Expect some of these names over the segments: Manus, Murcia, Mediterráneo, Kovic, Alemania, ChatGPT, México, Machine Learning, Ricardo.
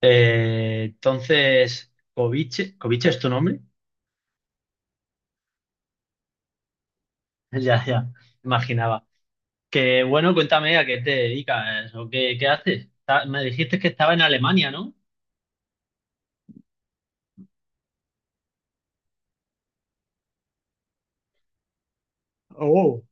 Entonces, Kovic, ¿Kovic es tu nombre? Ya, ya, imaginaba. Que bueno, cuéntame a qué te dedicas o qué haces. Me dijiste que estaba en Alemania, ¿no? Oh.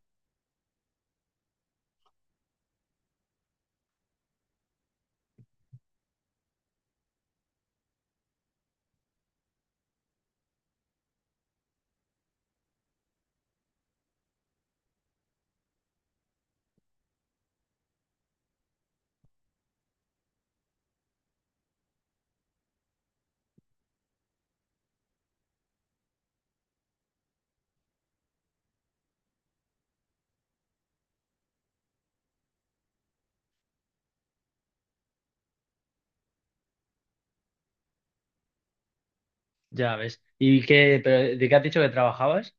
Ya ves. ¿Y qué, pero de qué has dicho que trabajabas?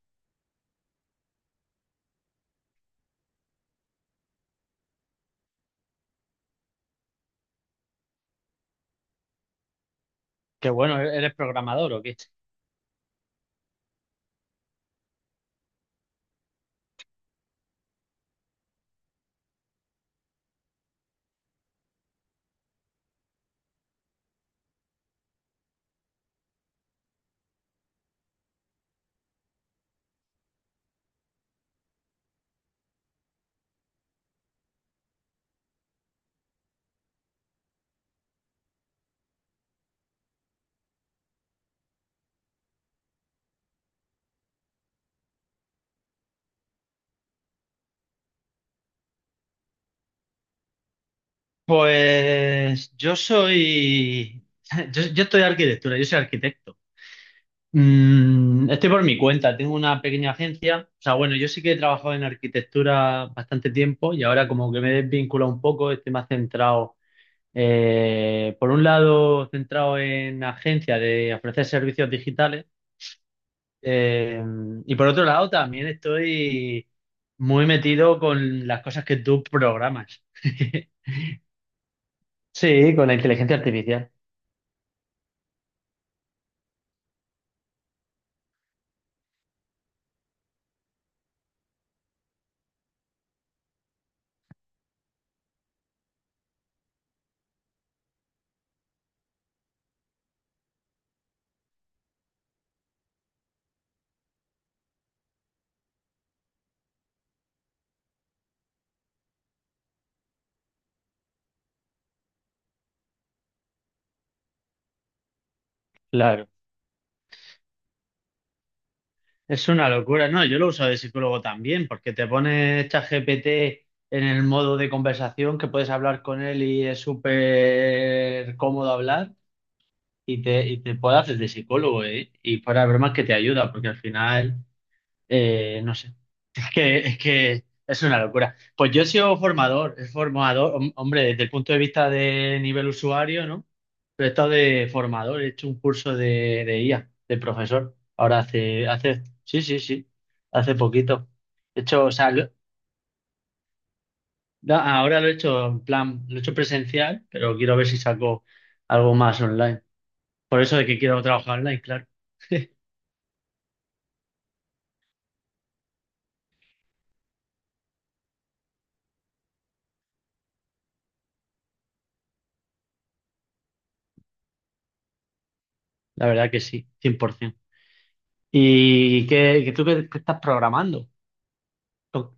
Que bueno, ¿eres programador o qué? Pues yo soy, yo estoy arquitectura, yo soy arquitecto. Estoy por mi cuenta, tengo una pequeña agencia. O sea, bueno, yo sí que he trabajado en arquitectura bastante tiempo y ahora como que me he desvinculado un poco, estoy más centrado, por un lado, centrado en agencia de ofrecer servicios digitales, eh, y por otro lado también estoy muy metido con las cosas que tú programas. Sí, con la inteligencia artificial, claro. Es una locura, no, yo lo uso de psicólogo también, porque te pones ChatGPT en el modo de conversación que puedes hablar con él y es súper cómodo hablar, y te puede hacer de psicólogo, ¿eh? Y fuera de bromas que te ayuda, porque al final, no sé. Es que es una locura. Pues yo he sido formador, es formador, hombre, desde el punto de vista de nivel usuario, ¿no? Pero he estado de formador, he hecho un curso de IA, de profesor. Ahora hace, sí, sí, sí, hace poquito. He hecho, o sea, ahora lo he hecho en plan, lo he hecho presencial, pero quiero ver si saco algo más online. Por eso de que quiero trabajar online, claro. La verdad que sí, 100%. ¿Y qué, qué tú qué qué estás programando? Con-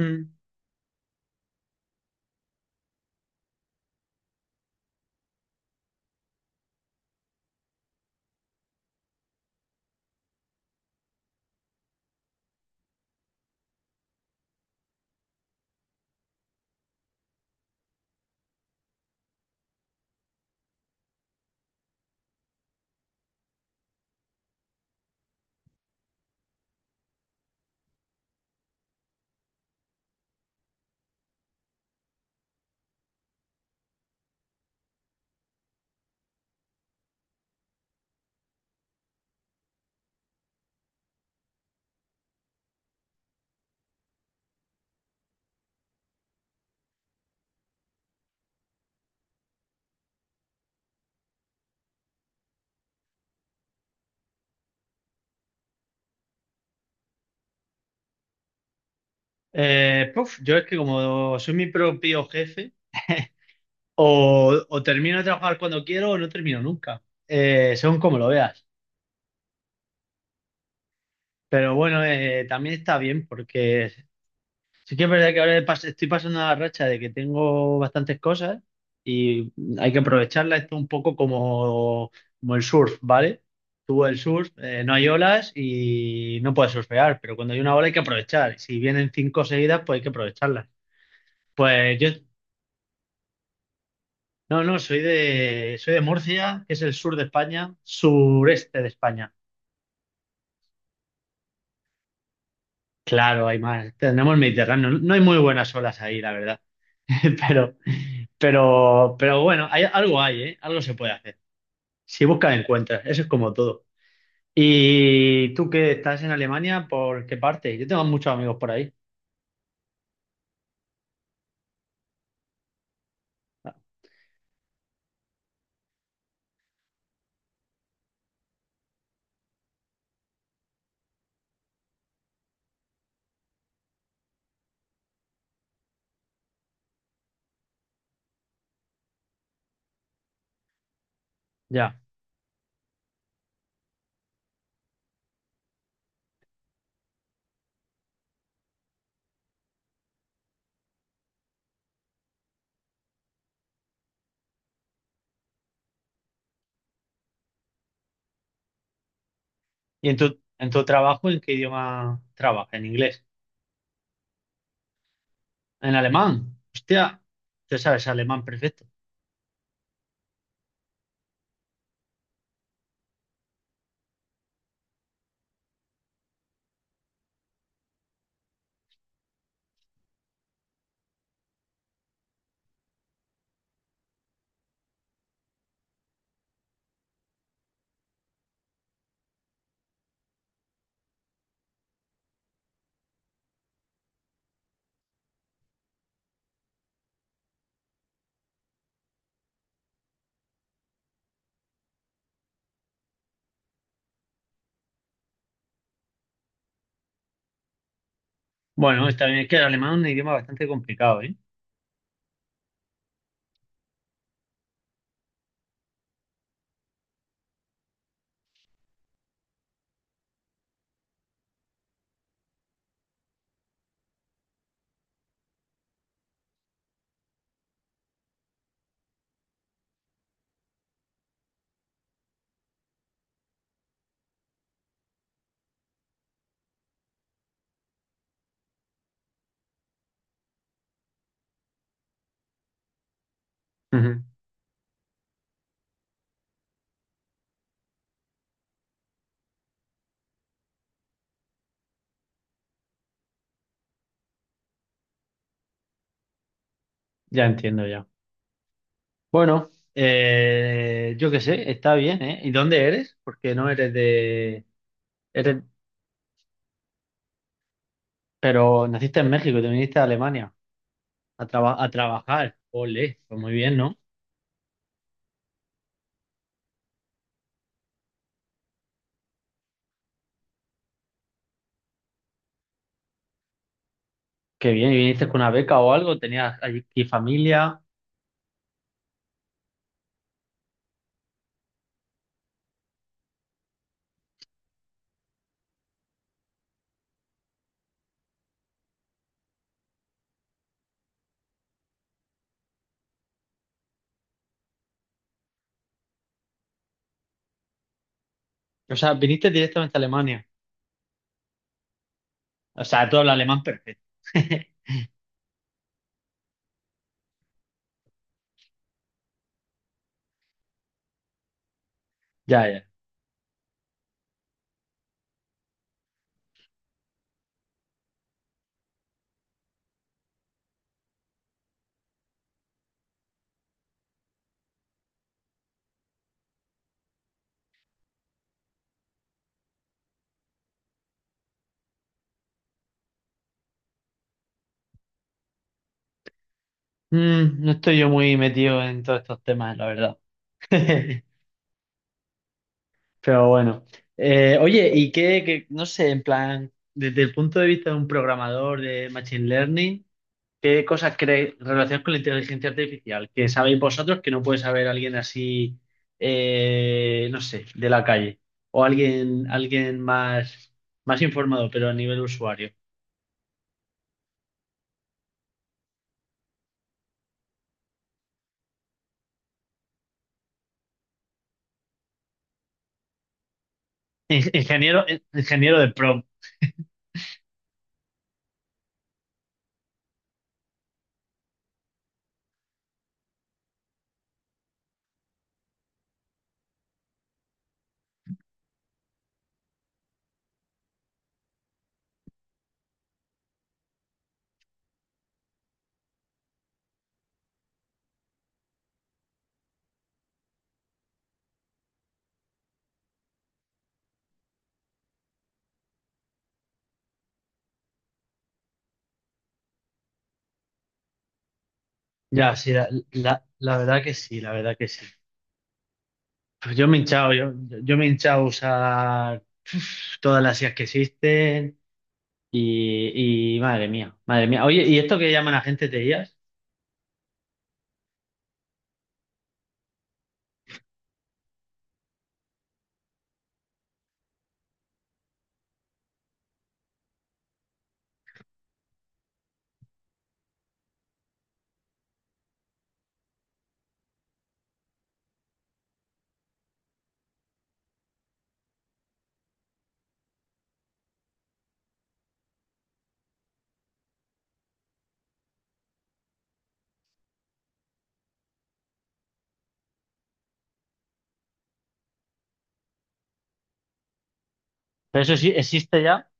mm. Puf, yo es que como soy mi propio jefe, o termino de trabajar cuando quiero o no termino nunca. Según como lo veas. Pero bueno, también está bien porque sí que es verdad que ahora estoy pasando la racha de que tengo bastantes cosas y hay que aprovecharla. Esto un poco como, como el surf, ¿vale? Tú el surf, no hay olas y no puedes surfear, pero cuando hay una ola hay que aprovechar. Si vienen cinco seguidas, pues hay que aprovecharlas. Pues yo no, no, soy de Murcia, que es el sur de España, sureste de España. Claro, hay más. Tenemos Mediterráneo. No hay muy buenas olas ahí, la verdad. Pero, pero bueno, hay, algo hay, ¿eh? Algo se puede hacer. Si buscas, encuentras. Eso es como todo. ¿Y tú que estás en Alemania, por qué parte? Yo tengo muchos amigos por ahí. Ya. ¿Y en tu trabajo, en qué idioma trabajas? ¿En inglés? ¿En alemán? Hostia, tú sabes alemán perfecto. Bueno, está bien, es que el alemán es un idioma bastante complicado, ¿eh? Ujú. Ya entiendo ya. Bueno, yo qué sé, está bien, ¿eh? ¿Y dónde eres? Porque no eres de... Eres... Pero naciste en México y te viniste a Alemania a, a trabajar. Ole, pues muy bien, ¿no? Qué bien, ¿y viniste con una beca o algo? ¿Tenías aquí familia? O sea, viniste directamente a Alemania. O sea, tú hablas alemán perfecto. Ya, ya. Mm, no estoy yo muy metido en todos estos temas, la verdad. Pero bueno. Oye, no sé, en plan, desde el punto de vista de un programador de Machine Learning, ¿qué cosas creéis relacionadas con la inteligencia artificial que sabéis vosotros que no puede saber alguien así, no sé, de la calle? O alguien, alguien más, más informado, pero a nivel usuario. Ingeniero, ingeniero de prom. Ya, sí, la verdad que sí, la verdad que sí. Pues yo me he hinchado, yo me he hinchado a usar, uf, todas las IAs que existen. Y madre mía, madre mía. Oye, ¿y esto que llaman agentes de IAS? ¿Pero eso sí existe ya?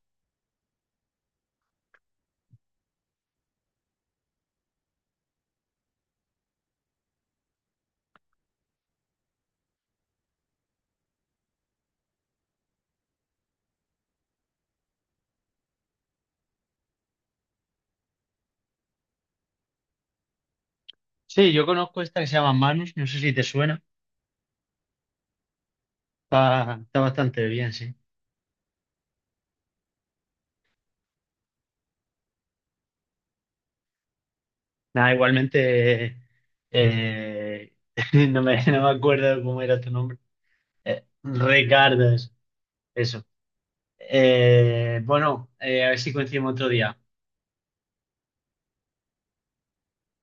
Sí, yo conozco esta que se llama Manus, no sé si te suena. Está, está bastante bien, sí. Nada, igualmente, eh, no me, no me acuerdo cómo era tu nombre. Ricardo, eso. Eso. Bueno, a ver si coincidimos otro día.